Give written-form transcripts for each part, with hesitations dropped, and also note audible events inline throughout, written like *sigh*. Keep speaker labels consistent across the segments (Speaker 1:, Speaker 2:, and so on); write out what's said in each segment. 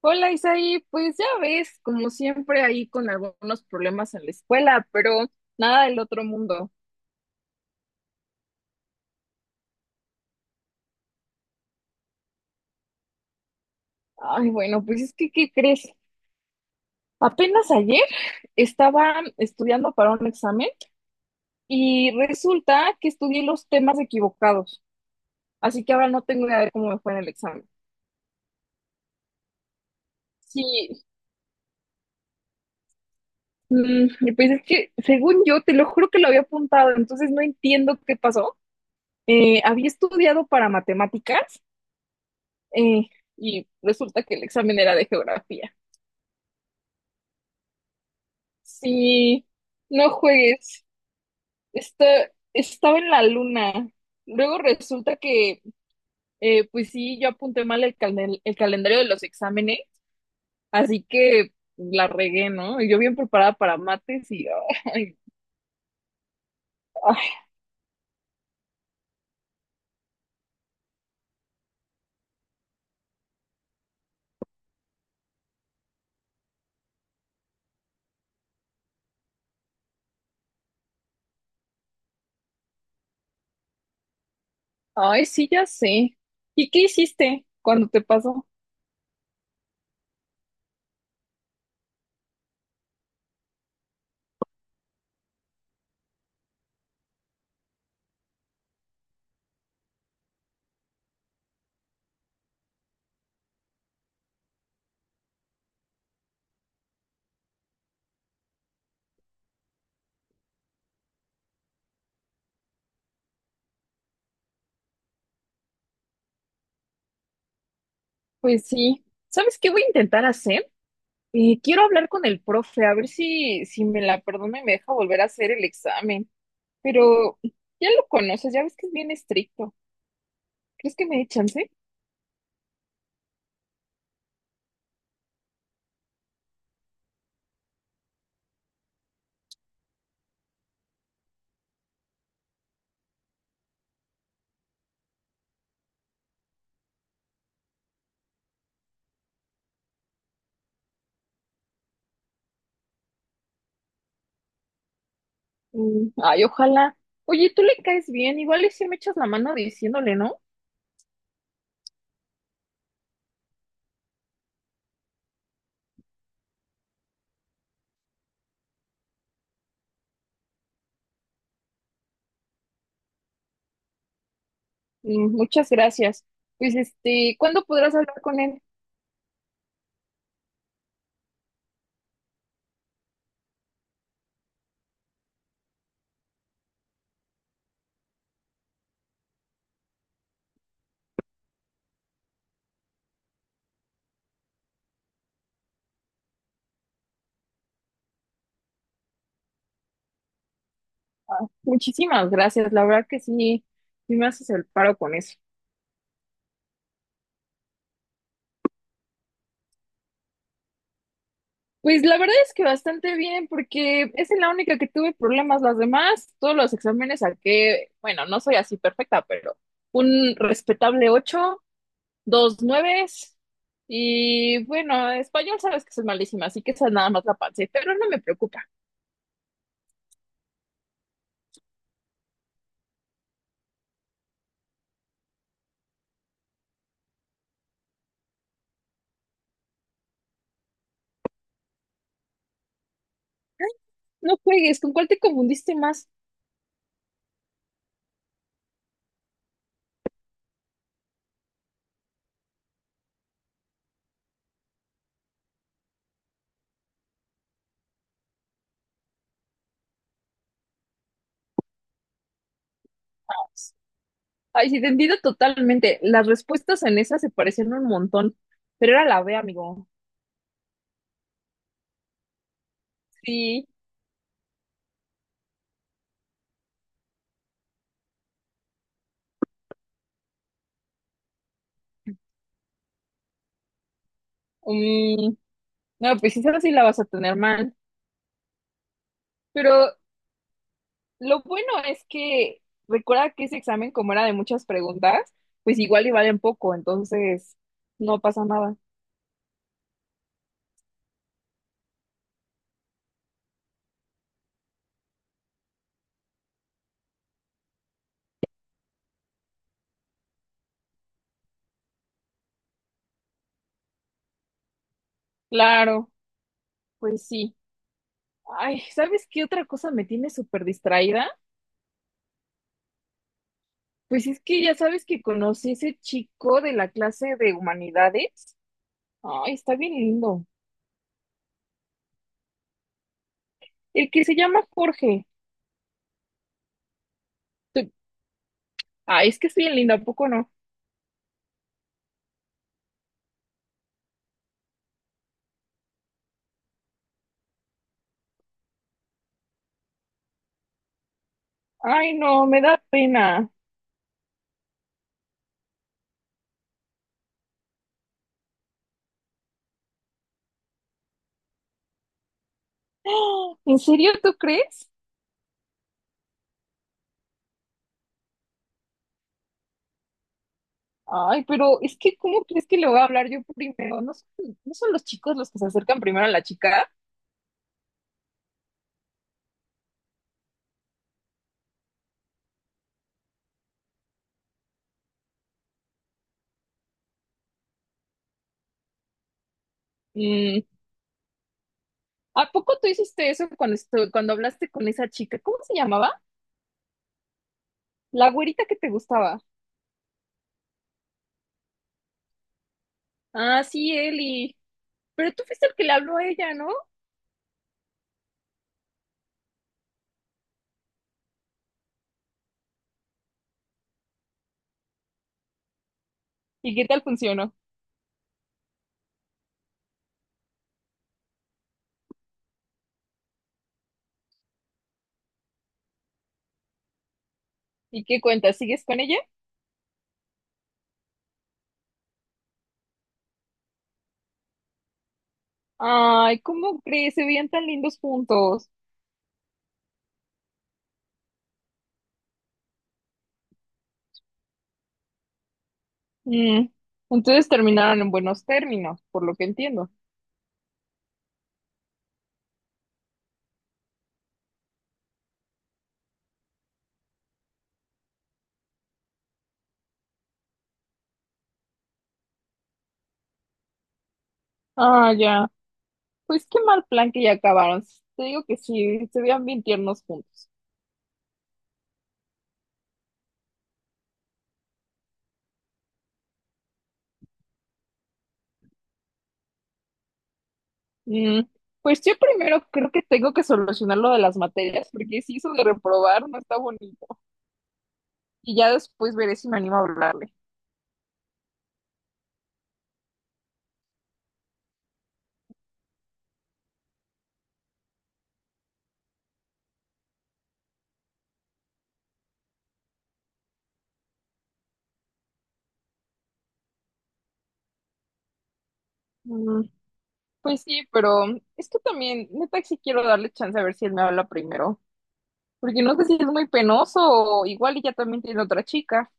Speaker 1: Hola Isaí, pues ya ves, como siempre ahí con algunos problemas en la escuela, pero nada del otro mundo. Ay, bueno, pues es que, ¿qué crees? Apenas ayer estaba estudiando para un examen y resulta que estudié los temas equivocados, así que ahora no tengo idea de cómo me fue en el examen. Sí, y pues es que según yo, te lo juro que lo había apuntado, entonces no entiendo qué pasó. Había estudiado para matemáticas eh, y resulta que el examen era de geografía. Sí, no juegues. Está, Estaba en la luna. Luego resulta que, pues sí, yo apunté mal el, el calendario de los exámenes, así que la regué, ¿no? Y yo bien preparada para mates y, ay, ay, ay, sí, ya sé. ¿Y qué hiciste cuando te pasó? Pues sí. ¿Sabes qué voy a intentar hacer? Quiero hablar con el profe, a ver si me la perdona y me deja volver a hacer el examen. Pero ya lo conoces, ya ves que es bien estricto. ¿Crees que me dé chance? Mm, ay, ojalá. Oye, tú le caes bien, igual y si me echas la mano diciéndole, ¿no? Mm, muchas gracias. Pues este, ¿cuándo podrás hablar con él? Muchísimas gracias, la verdad que sí, sí me haces el paro con eso. Pues la verdad es que bastante bien, porque esa es la única que tuve problemas. Las demás, todos los exámenes saqué, bueno, no soy así perfecta, pero un respetable 8, 2 nueves. Y bueno, español sabes que soy malísima, así que esa nada más la pasé, pero no me preocupa. No juegues, ¿con cuál te confundiste más? Ay, sí, te entiendo totalmente. Las respuestas en esa se parecían un montón, pero era la B, amigo. Sí, mm, no, pues esa sí la vas a tener mal. Pero lo bueno es que recuerda que ese examen, como era de muchas preguntas, pues igual y valen poco, entonces no pasa nada. Claro, pues sí. Ay, ¿sabes qué otra cosa me tiene súper distraída? Pues es que ya sabes que conocí a ese chico de la clase de humanidades. Ay, está bien lindo. El que se llama Jorge. Tú- Ay, es que es bien lindo, ¿a poco no? Ay, no, me da pena. ¡Ah! ¿En serio tú crees? Ay, pero es que ¿cómo crees que le voy a hablar yo primero? No son los chicos los que se acercan primero a la chica? Mm, ¿a poco tú hiciste eso cuando cuando hablaste con esa chica? ¿Cómo se llamaba? La güerita que te gustaba. Ah, sí, Eli. Pero tú fuiste el que le habló a ella, ¿no? ¿Y qué tal funcionó? ¿Y qué cuentas? ¿Sigues con ella? Ay, ¿cómo crees? Se veían tan lindos juntos. Mm, entonces terminaron en buenos términos, por lo que entiendo. Ah, ya. Pues qué mal plan que ya acabaron. Te digo que sí, se veían bien tiernos juntos. Mm, pues yo primero creo que tengo que solucionar lo de las materias, porque si eso de reprobar no está bonito. Y ya después veré si me animo a hablarle. Pues sí, pero es que también, neta, sí quiero darle chance a ver si él me habla primero. Porque no sé si es muy penoso o igual y ya también tiene otra chica.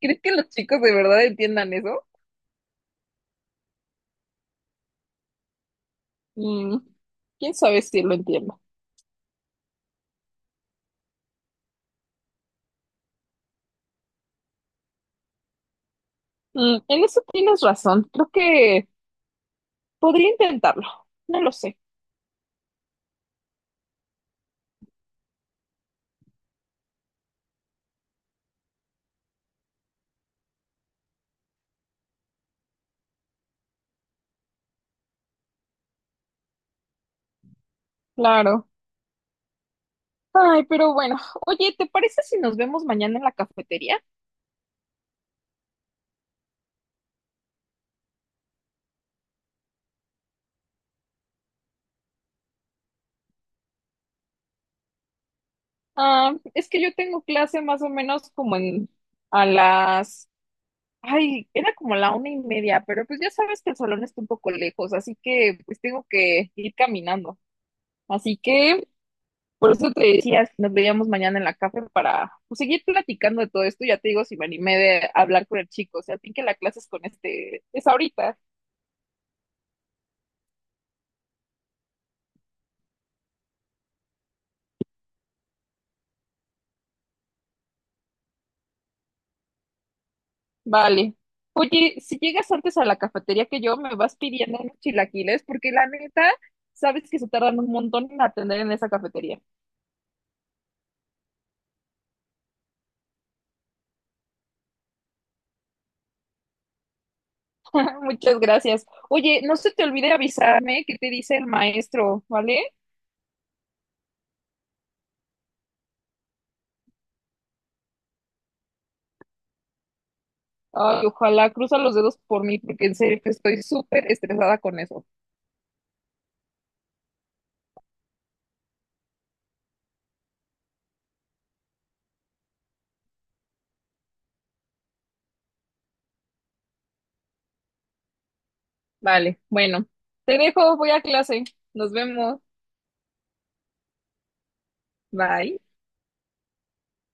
Speaker 1: ¿Crees que los chicos de verdad entiendan eso? Mm, quién sabe si lo entiendo. Mm, en eso tienes razón. Creo que podría intentarlo. No lo sé. Claro. Ay, pero bueno. Oye, ¿te parece si nos vemos mañana en la cafetería? Ah, es que yo tengo clase más o menos como en a las ay, era como la 1:30, pero pues ya sabes que el salón está un poco lejos, así que pues tengo que ir caminando. Así que por eso te decía, si nos veíamos mañana en la café para pues, seguir platicando de todo esto. Ya te digo si me animé de hablar con el chico, o sea, a ti que la clase es con este, es ahorita. Vale. Oye, si llegas antes a la cafetería que yo, me vas pidiendo unos chilaquiles, porque la neta, sabes que se tardan un montón en atender en esa cafetería. *laughs* Muchas gracias. Oye, no se te olvide avisarme qué te dice el maestro, ¿vale? Ay, ojalá cruza los dedos por mí, porque en serio que estoy súper estresada con eso. Vale, bueno, te dejo, voy a clase. Nos vemos. Bye.